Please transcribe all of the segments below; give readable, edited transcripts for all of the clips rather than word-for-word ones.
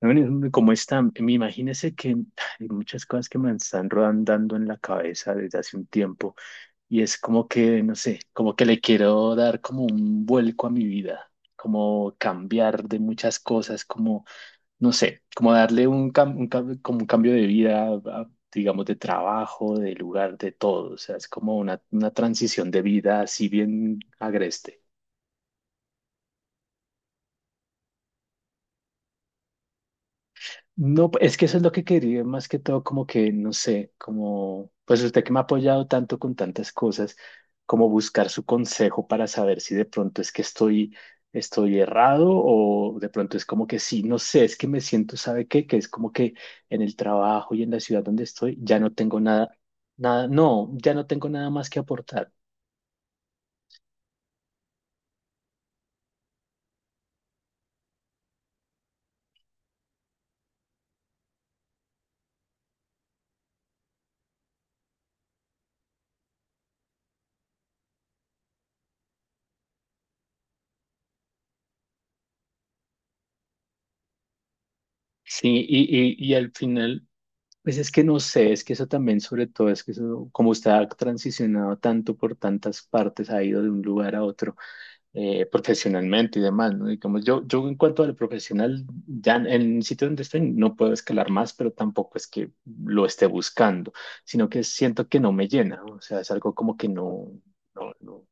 Bueno, como están, me imagínese que hay muchas cosas que me están rodando en la cabeza desde hace un tiempo y es como que, no sé, como que le quiero dar como un vuelco a mi vida, como cambiar de muchas cosas, como, no sé, como darle un, como un cambio de vida, digamos, de trabajo, de lugar, de todo, o sea, es como una transición de vida así bien agreste. No, es que eso es lo que quería, más que todo, como que, no sé, como, pues usted que me ha apoyado tanto con tantas cosas, como buscar su consejo para saber si de pronto es que estoy errado o de pronto es como que sí, no sé, es que me siento, ¿sabe qué? Que es como que en el trabajo y en la ciudad donde estoy ya no tengo nada, nada, no, ya no tengo nada más que aportar. Sí, y al final. Pues es que no sé, es que eso también, sobre todo, es que eso, como usted ha transicionado tanto por tantas partes, ha ido de un lugar a otro, profesionalmente y demás, ¿no? Y como yo en cuanto a lo profesional, ya en el sitio donde estoy no puedo escalar más, pero tampoco es que lo esté buscando, sino que siento que no me llena, o sea, es algo como que no.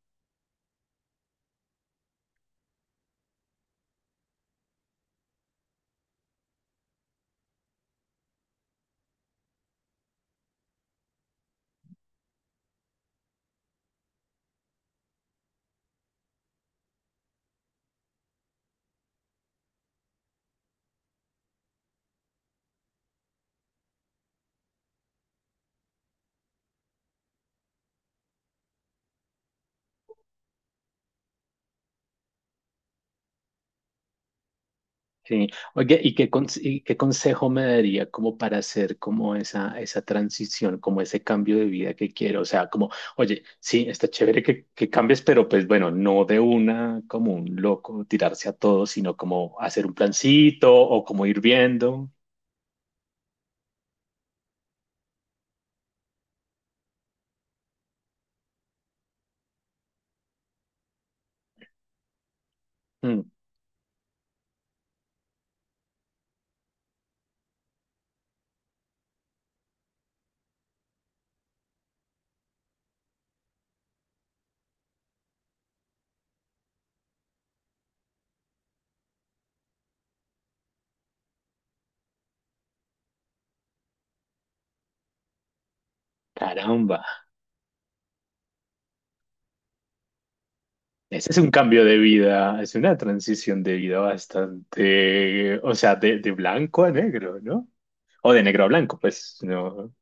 Sí. Oye, ¿y qué, qué consejo me daría como para hacer como esa transición, como ese cambio de vida que quiero? O sea, como, oye, sí, está chévere que cambies, pero pues bueno, no de una como un loco tirarse a todo, sino como hacer un plancito o como ir viendo. Mm, caramba, ese es un cambio de vida, es una transición de vida bastante, o sea, de blanco a negro, ¿no? O de negro a blanco, pues, no.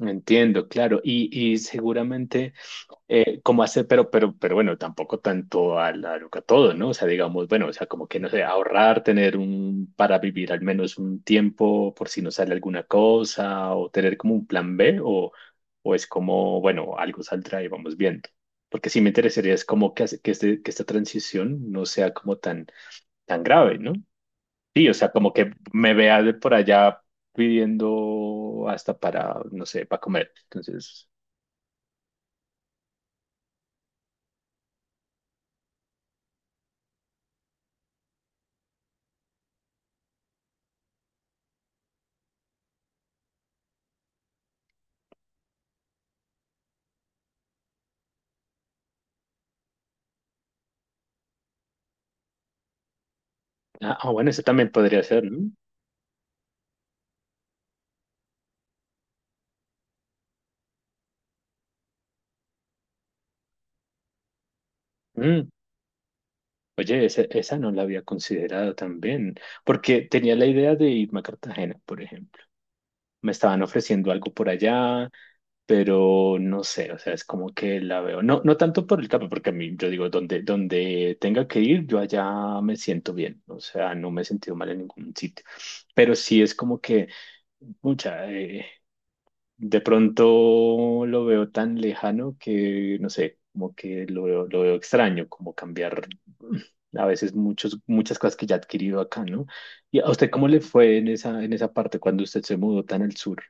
Entiendo, claro, y seguramente como hacer, pero bueno, tampoco tanto a la loca todo, ¿no? O sea, digamos, bueno, o sea, como que no sé, ahorrar, tener un, para vivir al menos un tiempo por si no sale alguna cosa, o tener como un plan B, o es como, bueno, algo saldrá y vamos viendo. Porque sí me interesaría es como que, que esta transición no sea como tan, tan grave, ¿no? Sí, o sea, como que me vea de por allá pidiendo hasta para, no sé, para comer. Entonces, ah, ah, bueno, eso también podría ser, ¿no? Mm, oye, esa no la había considerado también, porque tenía la idea de irme a Cartagena, por ejemplo. Me estaban ofreciendo algo por allá, pero no sé, o sea, es como que la veo. No, no tanto por el campo, porque a mí, yo digo, donde tenga que ir, yo allá me siento bien. O sea, no me he sentido mal en ningún sitio. Pero sí es como que... Mucha, de pronto lo veo tan lejano que, no sé, como que lo veo extraño, como cambiar, mm, a veces muchas cosas que ya ha adquirido acá, ¿no? ¿Y a usted cómo le fue en esa parte cuando usted se mudó tan al sur?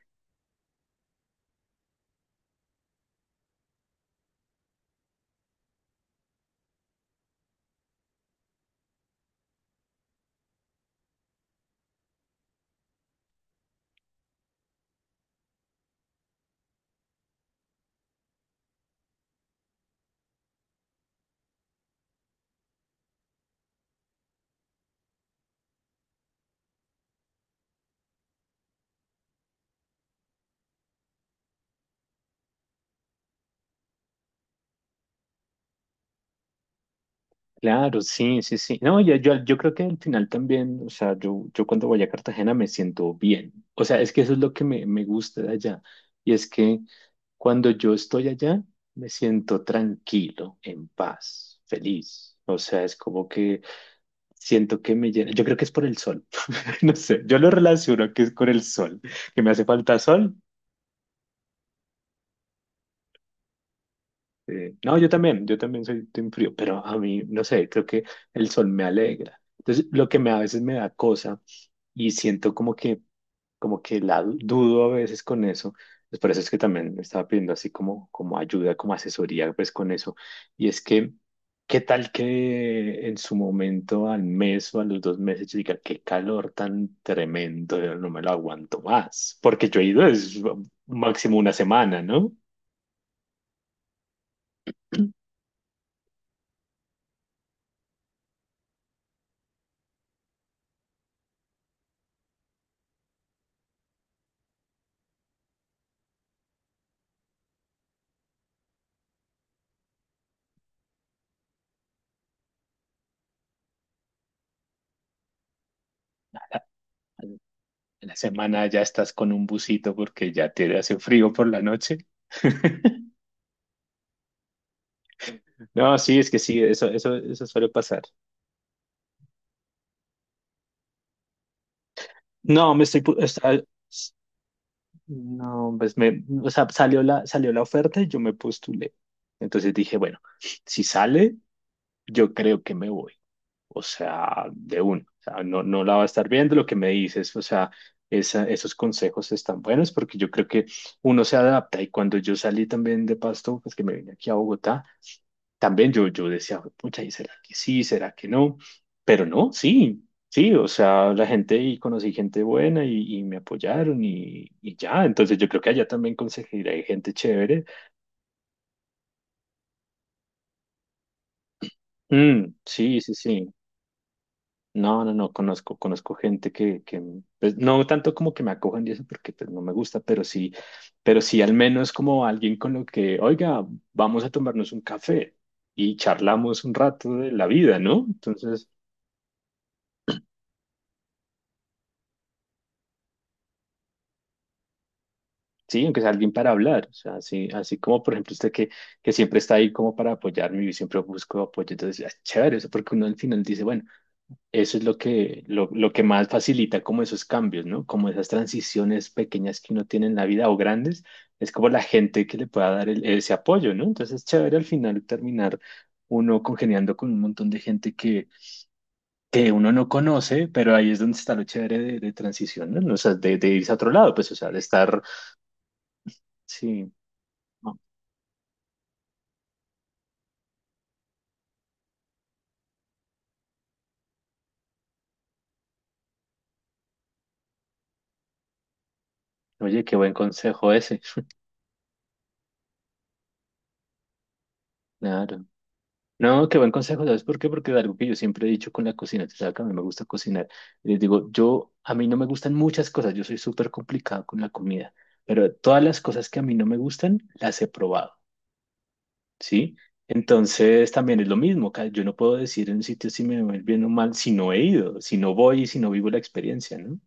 Claro, sí, sí, sí. No, yo creo que al final también, o sea, yo cuando voy a Cartagena me siento bien. O sea, es que eso es lo que me gusta de allá. Y es que cuando yo estoy allá, me siento tranquilo, en paz, feliz. O sea, es como que siento que me llena. Yo creo que es por el sol. No sé, yo lo relaciono que es con el sol, que me hace falta sol. No, yo también soy team frío, pero a mí, no sé, creo que el sol me alegra. Entonces, lo que me, a veces me da cosa, y siento como que la dudo a veces con eso. Pues por eso es que también estaba pidiendo así como, como ayuda, como asesoría, pues con eso. Y es que, ¿qué tal que en su momento, al mes o a los dos meses, yo diga, qué calor tan tremendo, yo no me lo aguanto más? Porque yo he ido es máximo una semana, ¿no? En la semana ya estás con un busito porque ya te hace frío por la noche. No, sí, es que sí, eso suele pasar. No, no, pues me, o sea, salió la oferta y yo me postulé. Entonces dije, bueno, si sale, yo creo que me voy. O sea, de uno. O sea, no, no la va a estar viendo lo que me dices. O sea, esos consejos están buenos porque yo creo que uno se adapta. Y cuando yo salí también de Pasto, pues que me vine aquí a Bogotá, también yo decía, pucha, ¿y será que sí? ¿Será que no? Pero no, sí, sí, o sea, la gente y conocí gente buena y me apoyaron y ya, entonces yo creo que allá también conseguiré gente chévere. Mm, sí, sí, sí. No, no, no, conozco, conozco gente que pues, no tanto como que me acojan y eso porque pues no me gusta, pero sí al menos como alguien con lo que, oiga, vamos a tomarnos un café y charlamos un rato de la vida, ¿no? Entonces... Sí, aunque sea alguien para hablar, o sea, así, así como por ejemplo que siempre está ahí como para apoyarme y siempre busco apoyo, entonces es chévere, eso porque uno al final dice, bueno, eso es lo que, lo que más facilita como esos cambios, ¿no? Como esas transiciones pequeñas que uno tiene en la vida o grandes, es como la gente que le pueda dar ese apoyo, ¿no? Entonces es chévere al final terminar uno congeniando con un montón de gente que uno no conoce, pero ahí es donde está lo chévere de transición, ¿no? O sea, de irse a otro lado, pues, o sea, de estar, sí. Oye, qué buen consejo ese. Claro. No, qué buen consejo, ¿sabes por qué? Porque es algo que yo siempre he dicho con la cocina, tú sabes que a mí me gusta cocinar. Y les digo, yo, a mí no me gustan muchas cosas, yo soy súper complicado con la comida, pero todas las cosas que a mí no me gustan, las he probado. ¿Sí? Entonces también es lo mismo, yo no puedo decir en un sitio si me va a ir bien o mal si no he ido, si no voy y si no vivo la experiencia, ¿no?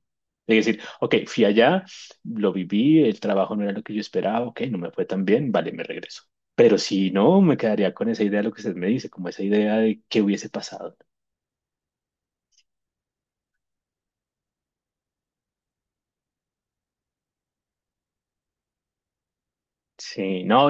Es decir, ok, fui allá, lo viví, el trabajo no era lo que yo esperaba, ok, no me fue tan bien, vale, me regreso. Pero si no, me quedaría con esa idea de lo que usted me dice, como esa idea de qué hubiese pasado. Sí, no.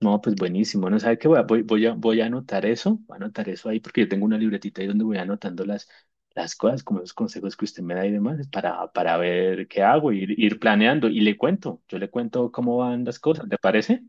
No, pues buenísimo. No sabe qué voy a anotar eso, voy a anotar eso ahí porque yo tengo una libretita ahí donde voy anotando las cosas, como los consejos que usted me da y demás, para ver qué hago, ir planeando y le cuento. Yo le cuento cómo van las cosas, ¿le parece?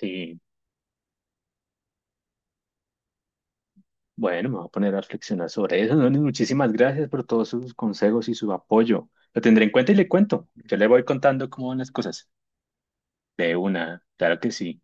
Sí. Bueno, me voy a poner a reflexionar sobre eso. Donis, muchísimas gracias por todos sus consejos y su apoyo. Lo tendré en cuenta y le cuento. Yo le voy contando cómo van las cosas. De una, claro que sí.